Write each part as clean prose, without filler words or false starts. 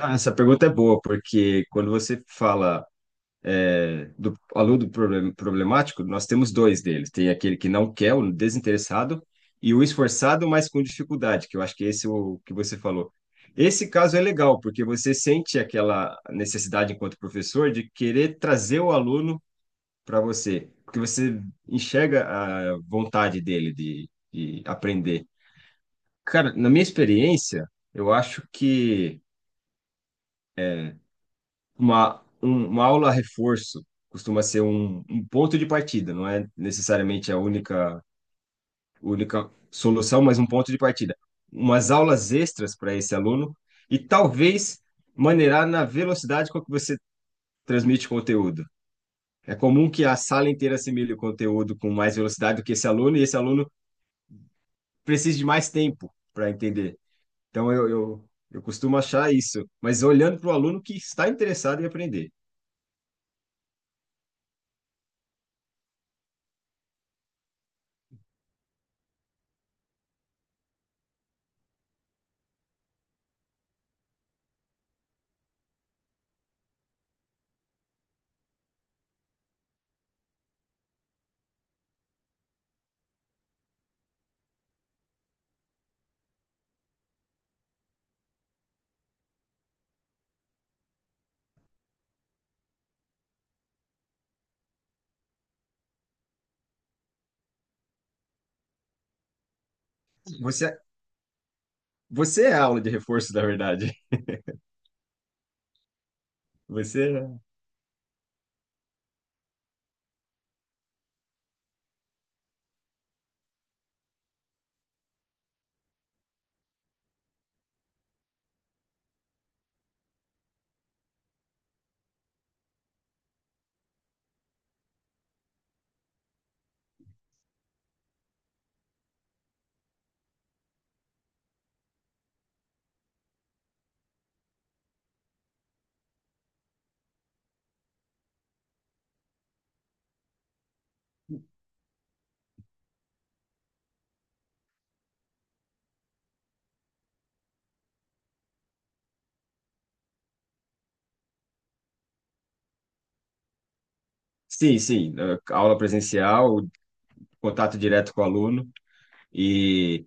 Ah, essa pergunta é boa, porque quando você fala do aluno problemático, nós temos dois deles. Tem aquele que não quer, o desinteressado, e o esforçado, mas com dificuldade, que eu acho que esse é o que você falou. Esse caso é legal, porque você sente aquela necessidade, enquanto professor, de querer trazer o aluno para você, porque você enxerga a vontade dele de aprender. Cara, na minha experiência, eu acho que uma aula reforço costuma ser um ponto de partida, não é necessariamente a única, única solução, mas um ponto de partida. Umas aulas extras para esse aluno e talvez maneirar na velocidade com que você transmite conteúdo. É comum que a sala inteira assimile o conteúdo com mais velocidade do que esse aluno e esse aluno precisa de mais tempo para entender. Então, eu costumo achar isso, mas olhando para o aluno que está interessado em aprender. Você Você é a aula de reforço, na verdade. Você. é- Sim, sim. Aula presencial, contato direto com o aluno. E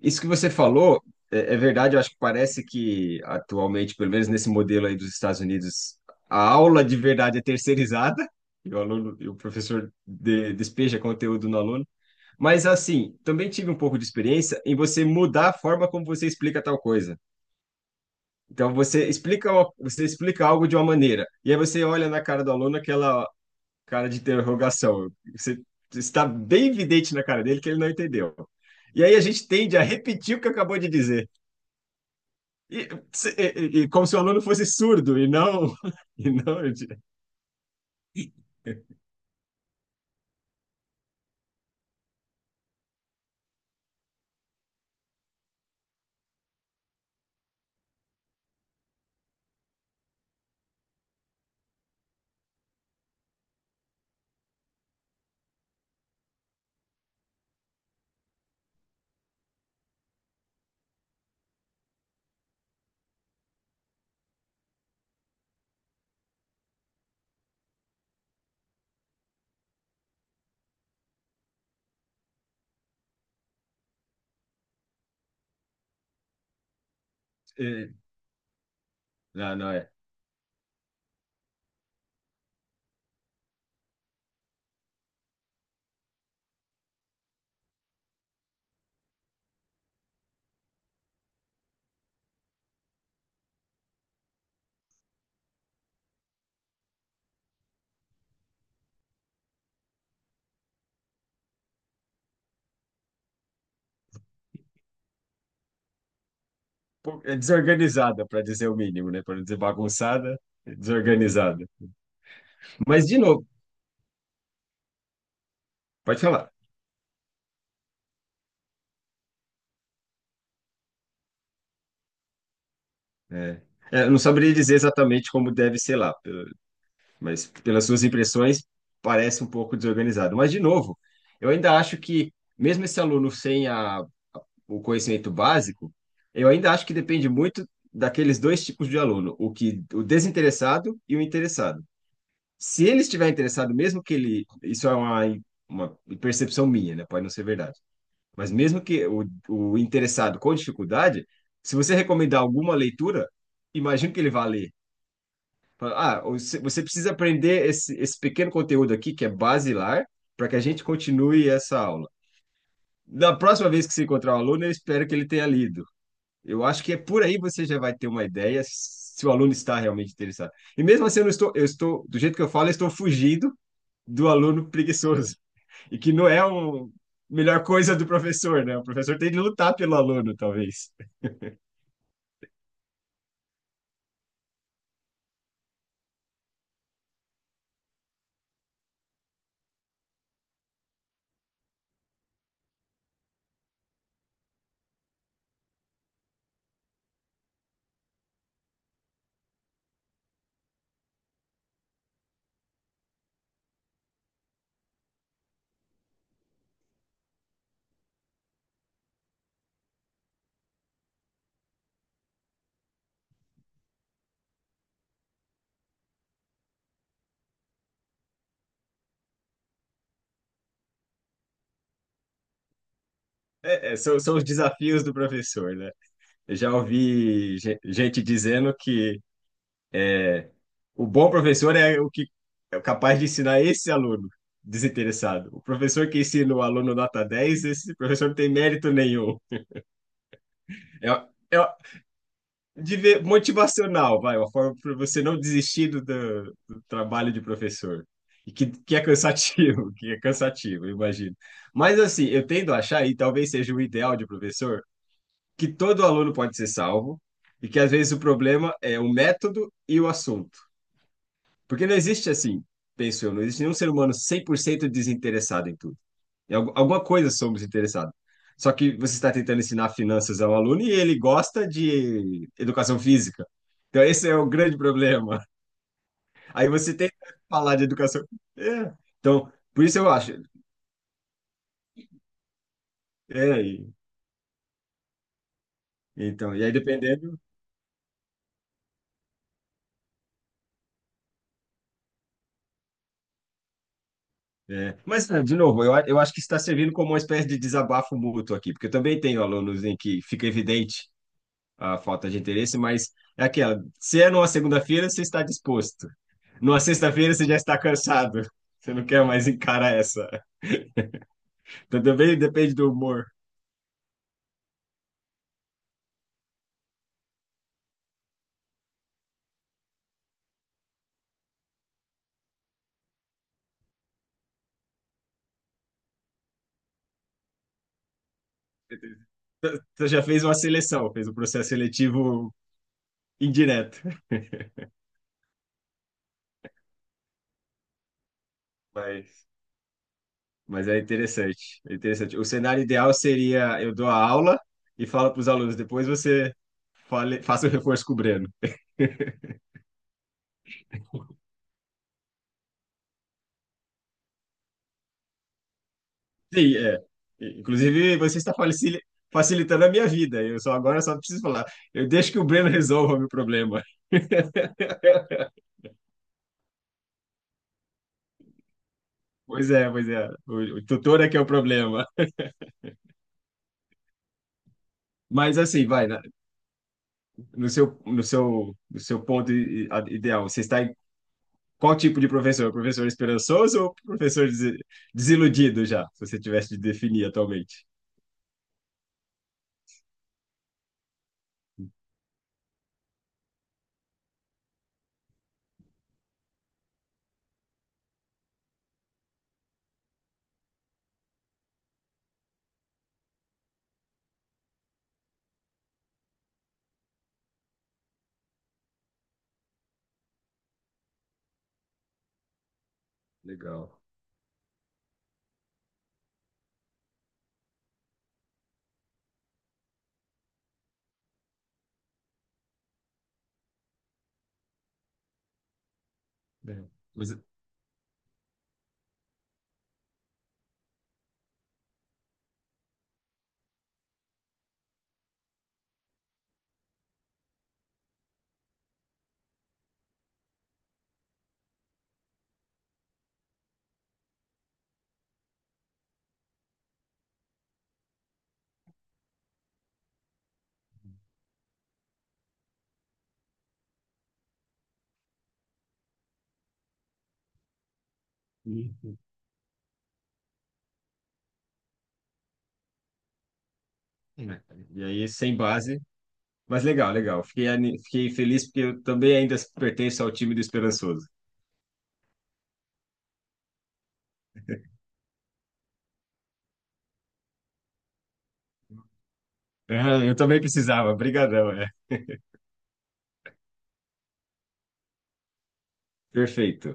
isso que você falou é verdade. Eu acho que parece que, atualmente, pelo menos nesse modelo aí dos Estados Unidos, a aula de verdade é terceirizada. E o aluno, e o professor despeja conteúdo no aluno. Mas, assim, também tive um pouco de experiência em você mudar a forma como você explica tal coisa. Então você explica algo de uma maneira, e aí você olha na cara do aluno aquela cara de interrogação. Você está bem evidente na cara dele que ele não entendeu. E aí a gente tende a repetir o que acabou de dizer. E como se o aluno fosse surdo e não, e não, não, não é. Pô, é desorganizada, para dizer o mínimo, né? Para não dizer bagunçada, é desorganizada. Mas de novo, pode falar. É. É, eu não saberia dizer exatamente como deve ser lá, mas pelas suas impressões parece um pouco desorganizado. Mas, de novo, eu ainda acho que, mesmo esse aluno sem o conhecimento básico, eu ainda acho que depende muito daqueles dois tipos de aluno, o desinteressado e o interessado. Se ele estiver interessado, mesmo que ele, isso é uma percepção minha, né? Pode não ser verdade. Mas mesmo que o interessado com dificuldade, se você recomendar alguma leitura, imagino que ele vá ler. Fala: "Ah, você precisa aprender esse, esse pequeno conteúdo aqui, que é basilar, para que a gente continue essa aula. Da próxima vez que você encontrar o aluno, eu espero que ele tenha lido." Eu acho que é por aí você já vai ter uma ideia se o aluno está realmente interessado. E mesmo assim, eu não estou, eu estou, do jeito que eu falo, eu estou fugindo do aluno preguiçoso, e que não é a melhor coisa do professor, né? O professor tem de lutar pelo aluno, talvez. São, são os desafios do professor, né? Eu já ouvi gente dizendo que, é, o bom professor é o que é capaz de ensinar esse aluno desinteressado. O professor que ensina o aluno nota dez, esse professor não tem mérito nenhum. É, é de motivacional, vai, uma forma para você não desistir do, do trabalho de professor. E que é cansativo, que é cansativo, eu imagino. Mas assim, eu tendo a achar, e talvez seja o ideal de professor, que todo aluno pode ser salvo, e que às vezes o problema é o método e o assunto. Porque não existe assim, penso eu, não existe nenhum ser humano 100% desinteressado em tudo. Em alguma coisa somos interessados. Só que você está tentando ensinar finanças ao aluno e ele gosta de educação física. Então, esse é o grande problema. Aí você tenta falar de educação. É. Então, por isso eu acho. É, e- então, e aí dependendo. É. Mas, é, de novo, eu acho que está servindo como uma espécie de desabafo mútuo aqui, porque eu também tenho alunos em que fica evidente a falta de interesse, mas é aquela. Se é numa segunda-feira, você está disposto. Numa sexta-feira, você já está cansado. Você não quer mais encarar essa. Então, também depende do humor. Você já fez uma seleção, fez um processo seletivo indireto. Mas, mas é interessante. É interessante. O cenário ideal seria: eu dou a aula e falo para os alunos, depois você fale, faça o reforço com o Breno. Sim, é. Inclusive, você está facilitando a minha vida. Eu só agora só preciso falar. Eu deixo que o Breno resolva o meu problema. Pois é, pois é. O tutor é que é o problema. Mas assim, vai, no seu, no seu, no seu ponto ideal, você está em qual tipo de professor? Professor esperançoso ou professor desiludido já, se você tivesse de definir atualmente? Legal. É. Mas, e é, e aí, sem base. Mas legal, legal. Fiquei, fiquei feliz porque eu também ainda pertenço ao time do Esperançoso. Ah, eu também precisava. Brigadão, é. Perfeito.